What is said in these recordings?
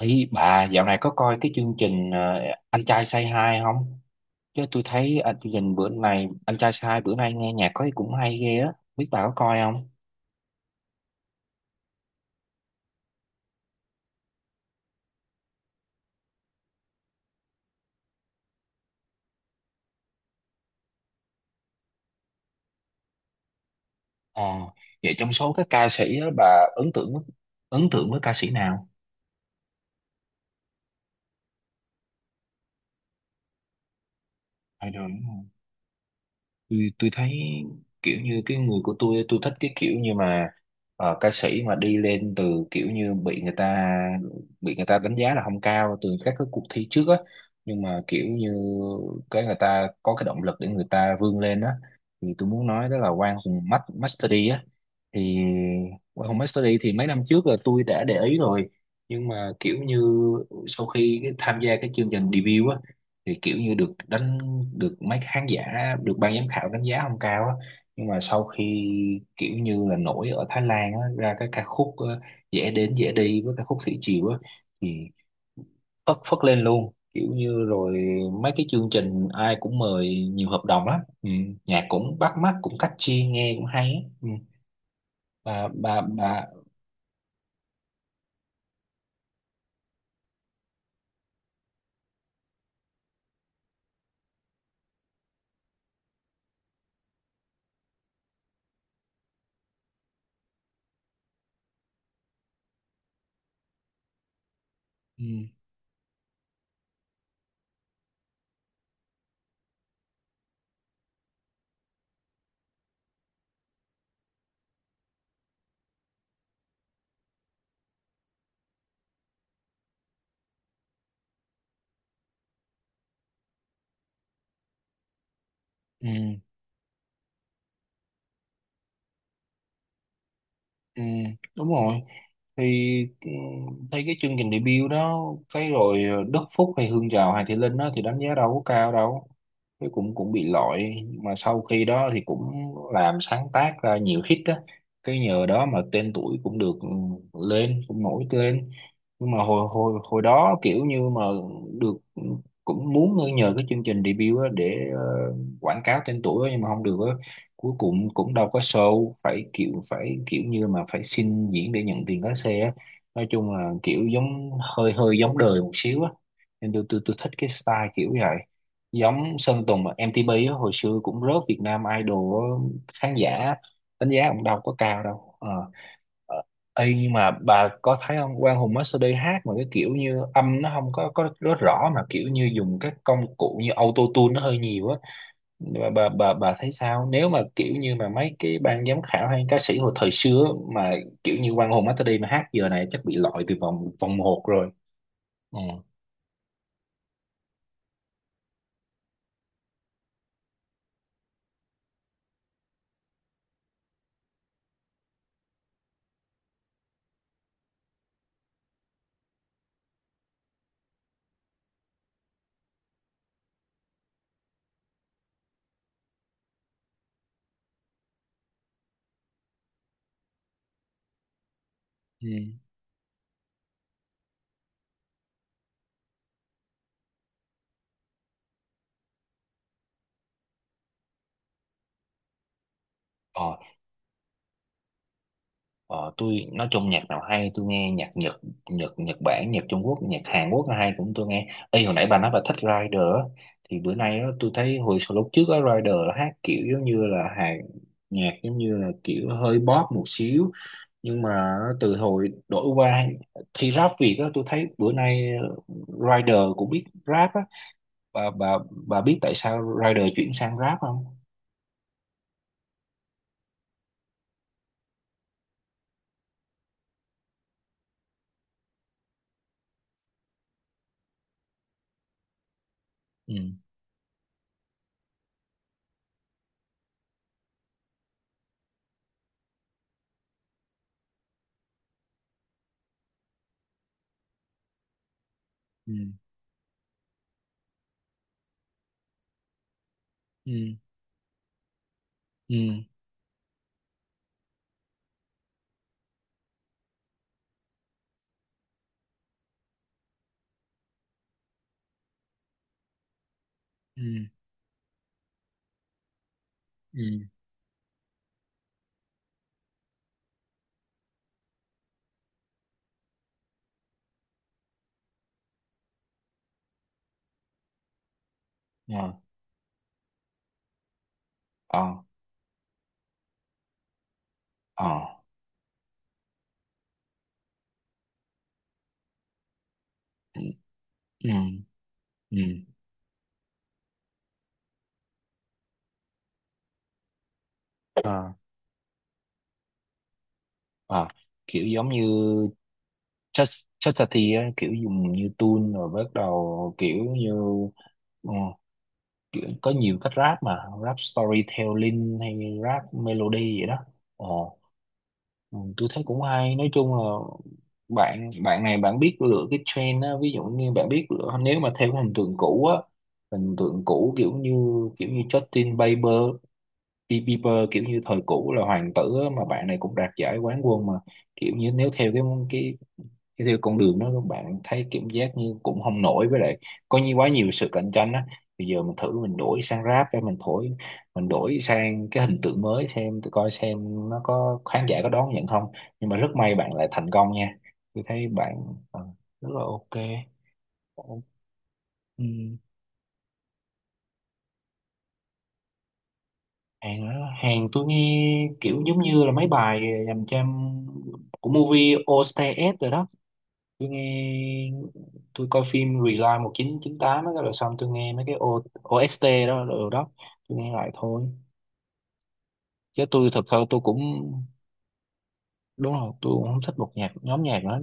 Ý bà dạo này có coi cái chương trình Anh trai Say Hi không? Chứ tôi thấy anh chương trình bữa này Anh trai Say Hi bữa nay nghe nhạc có cũng hay ghê á. Biết bà có coi không? Ờ, vậy trong số các ca sĩ á, bà ấn tượng với ca sĩ nào? Hay được. Tôi thấy kiểu như cái người của tôi thích cái kiểu như mà ca sĩ mà đi lên từ kiểu như bị người ta đánh giá là không cao từ các cái cuộc thi trước á, nhưng mà kiểu như cái người ta có cái động lực để người ta vươn lên á, thì tôi muốn nói đó là Master D á, thì qua home study thì mấy năm trước là tôi đã để ý rồi, nhưng mà kiểu như sau khi tham gia cái chương trình debut á thì kiểu như được mấy khán giả, được ban giám khảo đánh giá không cao á. Nhưng mà sau khi kiểu như là nổi ở Thái Lan á, ra cái ca khúc dễ đến dễ đi với ca khúc thủy triều á thì phất phất lên luôn kiểu như rồi mấy cái chương trình ai cũng mời, nhiều hợp đồng lắm. Ừ, nhạc cũng bắt mắt, cũng catchy, nghe cũng hay á. Ừ, bà. Ừ, ừ, ừ, đúng rồi, thì ừ, thấy cái chương trình debut đó, cái rồi Đức Phúc hay Hương Tràm hay Thị Linh đó thì đánh giá đâu có cao đâu, cái cũng cũng bị loại. Nhưng mà sau khi đó thì cũng làm sáng tác ra nhiều hit á, cái nhờ đó mà tên tuổi cũng được, ừ, lên cũng nổi lên. Nhưng mà hồi hồi hồi đó kiểu như mà được, ừ, cũng muốn nhờ cái chương trình debut á để quảng cáo tên tuổi á, nhưng mà không được á, cuối cùng cũng đâu có show, phải kiểu như mà phải xin diễn để nhận tiền lái xe á, nói chung là kiểu giống hơi hơi giống đời một xíu á, nên tôi thích cái style kiểu vậy, giống Sơn Tùng mà MTP á, hồi xưa cũng rớt Việt Nam Idol á, khán giả đánh giá cũng đâu có cao đâu. Ờ. Ờ, ê, nhưng mà bà có thấy không, Quang Hùng MasterD hát mà cái kiểu như âm nó không có rất rõ mà kiểu như dùng các công cụ như auto tune nó hơi nhiều á. Bà thấy sao nếu mà kiểu như mà mấy cái ban giám khảo hay ca sĩ hồi thời xưa mà kiểu như Quang Hùng Masterday mà hát giờ này chắc bị loại từ vòng vòng một rồi. Ừ. Ừ. ờ, ờ, tôi nói chung nhạc nào hay tôi nghe, nhạc Nhật, Nhật Bản, nhạc Trung Quốc, nhạc Hàn Quốc hay cũng tôi nghe. Ê, hồi nãy bà nói bà thích Rider á, thì bữa nay á, tôi thấy hồi sau lúc trước á Rider hát kiểu giống như là hàng nhạc, giống như là kiểu hơi pop một xíu, nhưng mà từ hồi đổi qua thi rap Việt á tôi thấy bữa nay Rider cũng biết rap á. bà bà bà biết tại sao Rider chuyển sang rap không? Ừ, ừ, ừ, ừ, ừ, ừ, ờ, ờ, ờ, ừ, ừ, ừ. Ờ, ờ, kiểu giống như chất chất Tati á, kiểu dùng như tune rồi bắt đầu kiểu như, ờ, kiểu có nhiều cách rap mà, rap storytelling hay rap melody vậy đó. Ờ. Ừ, tôi thấy cũng hay, nói chung là bạn bạn này bạn biết lựa cái trend á, ví dụ như bạn biết lựa nếu mà theo cái hình tượng cũ á, hình tượng cũ kiểu như, Justin Bieber Bieber kiểu như thời cũ là hoàng tử á, mà bạn này cũng đạt giải quán quân mà, kiểu như nếu theo cái cái theo con đường đó các bạn thấy cảm giác như cũng không nổi, với lại có như quá nhiều sự cạnh tranh á, bây giờ mình thử mình đổi sang rap hay mình thổi, mình đổi sang cái hình tượng mới xem tụi coi xem nó có khán giả có đón nhận không. Nhưng mà rất may bạn lại thành công nha, tôi thấy bạn ờ, rất là ok. Ừ. Hàng đó, hàng tôi nghe kiểu giống như là mấy bài dành cho, của movie OSTS rồi đó, tôi nghe, tôi coi phim Rewind 1998 đó, rồi xong tôi nghe mấy cái OST đó rồi đó, tôi nghe lại thôi chứ tôi thật sự tôi cũng, đúng rồi tôi cũng không thích một nhóm nhạc nữa,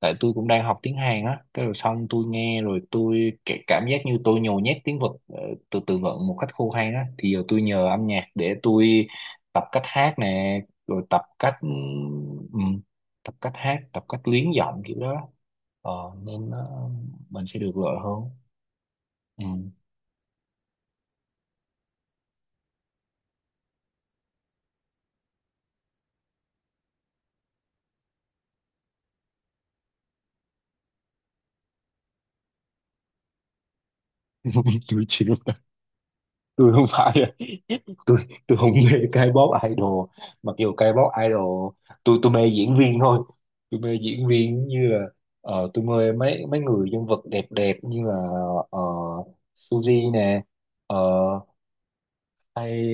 tại tôi cũng đang học tiếng Hàn á, cái rồi xong tôi nghe rồi tôi cái cảm giác như tôi nhồi nhét tiếng Việt, từ từ vựng một cách khô hay á, thì giờ tôi nhờ âm nhạc để tôi tập cách hát nè, rồi ừm, tập cách hát, tập cách luyến giọng kiểu đó. ờ, Nên ờ, mình sẽ được lợi hơn. Ừ. Tôi chịu, tôi không phải, tôi tôi không mê K-pop idol, mặc dù K-pop idol tôi mê diễn viên thôi, tôi mê diễn viên như là, tôi mê mấy mấy người nhân vật đẹp đẹp như là ờ, Suzy nè, ờ, hay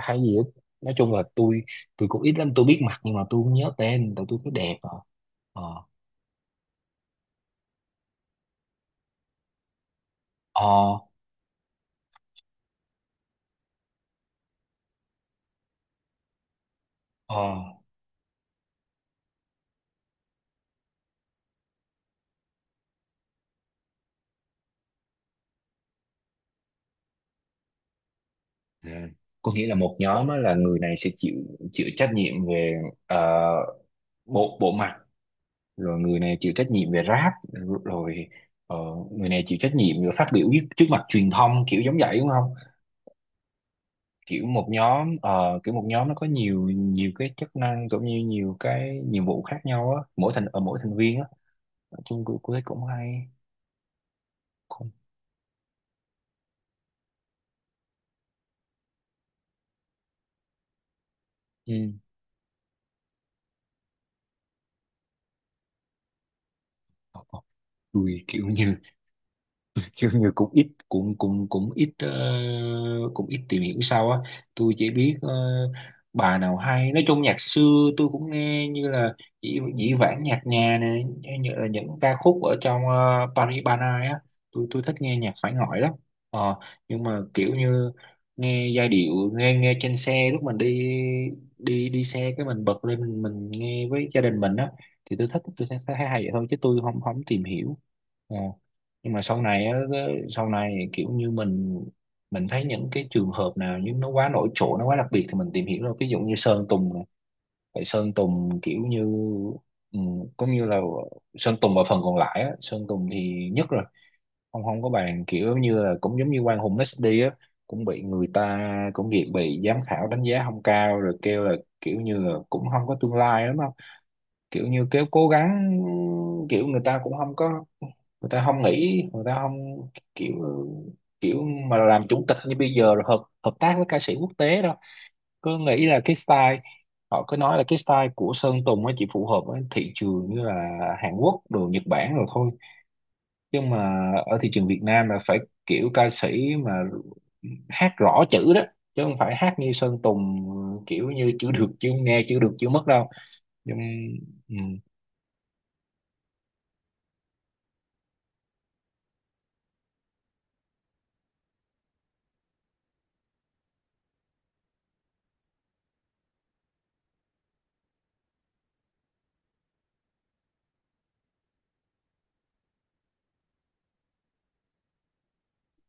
hay gì hết. Nói chung là tôi cũng ít lắm, tôi biết mặt nhưng mà tôi không nhớ tên tại tôi thấy đẹp à. Ờ, ờ, ờ, à, có nghĩa là một nhóm á, là người này sẽ chịu, chịu trách nhiệm về ờ, bộ bộ mặt, rồi người này chịu trách nhiệm về rap, rồi ờ, người này chịu trách nhiệm về phát biểu trước trước mặt truyền thông, kiểu giống vậy đúng không? Kiểu một nhóm kiểu một nhóm nó có nhiều nhiều cái chức năng cũng như nhiều cái nhiệm vụ khác nhau á mỗi thành ở mỗi thành viên á. Nói chung cũng cũng thấy cũng hay. Không. Ừ. Ờ, ờ, tôi kiểu như chứ như cũng ít cũng cũng cũng ít, cũng ít tìm hiểu sao á, tôi chỉ biết bà nào hay, nói chung nhạc xưa tôi cũng nghe, như là dĩ vãng nhạc nhà này, như là những ca khúc ở trong Paris Ban Ai á, tôi thích nghe nhạc phải ngỏi lắm, ờ, nhưng mà kiểu như nghe giai điệu, nghe nghe trên xe lúc mình đi, đi đi xe cái mình bật lên mình nghe với gia đình mình á, thì tôi thích tôi thấy thấy hay vậy thôi chứ tôi không không tìm hiểu. Ờ, nhưng mà sau này á, sau này kiểu như mình thấy những cái trường hợp nào nhưng nó quá nổi trội nó quá đặc biệt thì mình tìm hiểu, rồi ví dụ như Sơn Tùng này. Tại Sơn Tùng kiểu như ừ, cũng như là Sơn Tùng ở phần còn lại á, Sơn Tùng thì nhất rồi, không không có bàn, kiểu như là cũng giống như Quang Hùng messi á, cũng bị người ta, cũng bị giám khảo đánh giá không cao rồi kêu là kiểu như là cũng không có tương lai lắm, kiểu như kéo cố gắng, kiểu người ta cũng không có, người ta không nghĩ, người ta không, kiểu kiểu mà làm chủ tịch như bây giờ rồi hợp hợp tác với ca sĩ quốc tế đâu, cứ nghĩ là cái style, họ cứ nói là cái style của Sơn Tùng nó chỉ phù hợp với thị trường như là Hàn Quốc đồ Nhật Bản rồi thôi, nhưng mà ở thị trường Việt Nam là phải kiểu ca sĩ mà hát rõ chữ đó, chứ không phải hát như Sơn Tùng kiểu như chữ được chữ nghe chữ được chữ mất đâu. Nhưng ừ.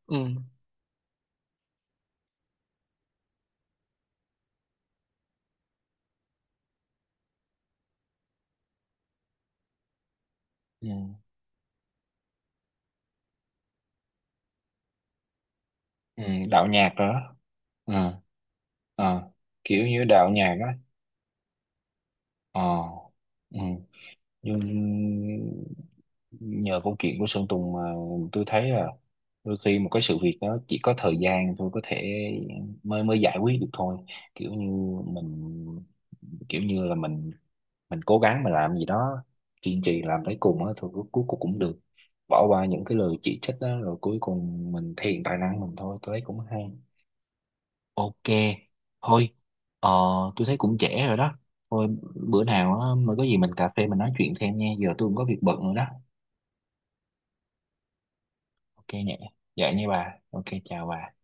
Ừ. Ừ. Ừ. Đạo nhạc rồi đó. Ừ. Ờ, kiểu như đạo nhạc á. Ờ, ừ. Nhưng nhờ câu chuyện của Sơn Tùng mà tôi thấy là đôi khi một cái sự việc đó chỉ có thời gian thôi có thể mới mới giải quyết được thôi, kiểu như mình, kiểu như là mình cố gắng mà làm gì đó kiên trì làm tới cùng á thì cuối cuối cùng cũng được, bỏ qua những cái lời chỉ trích đó rồi cuối cùng mình thể hiện tài năng mình thôi, tôi thấy cũng hay. Ok, thôi, ờ, tôi thấy cũng trễ rồi đó. Thôi, bữa nào á, mà có gì mình cà phê mình nói chuyện thêm nha. Giờ tôi cũng có việc bận rồi đó. Ok nè, vậy nha bà. Ok, chào bà.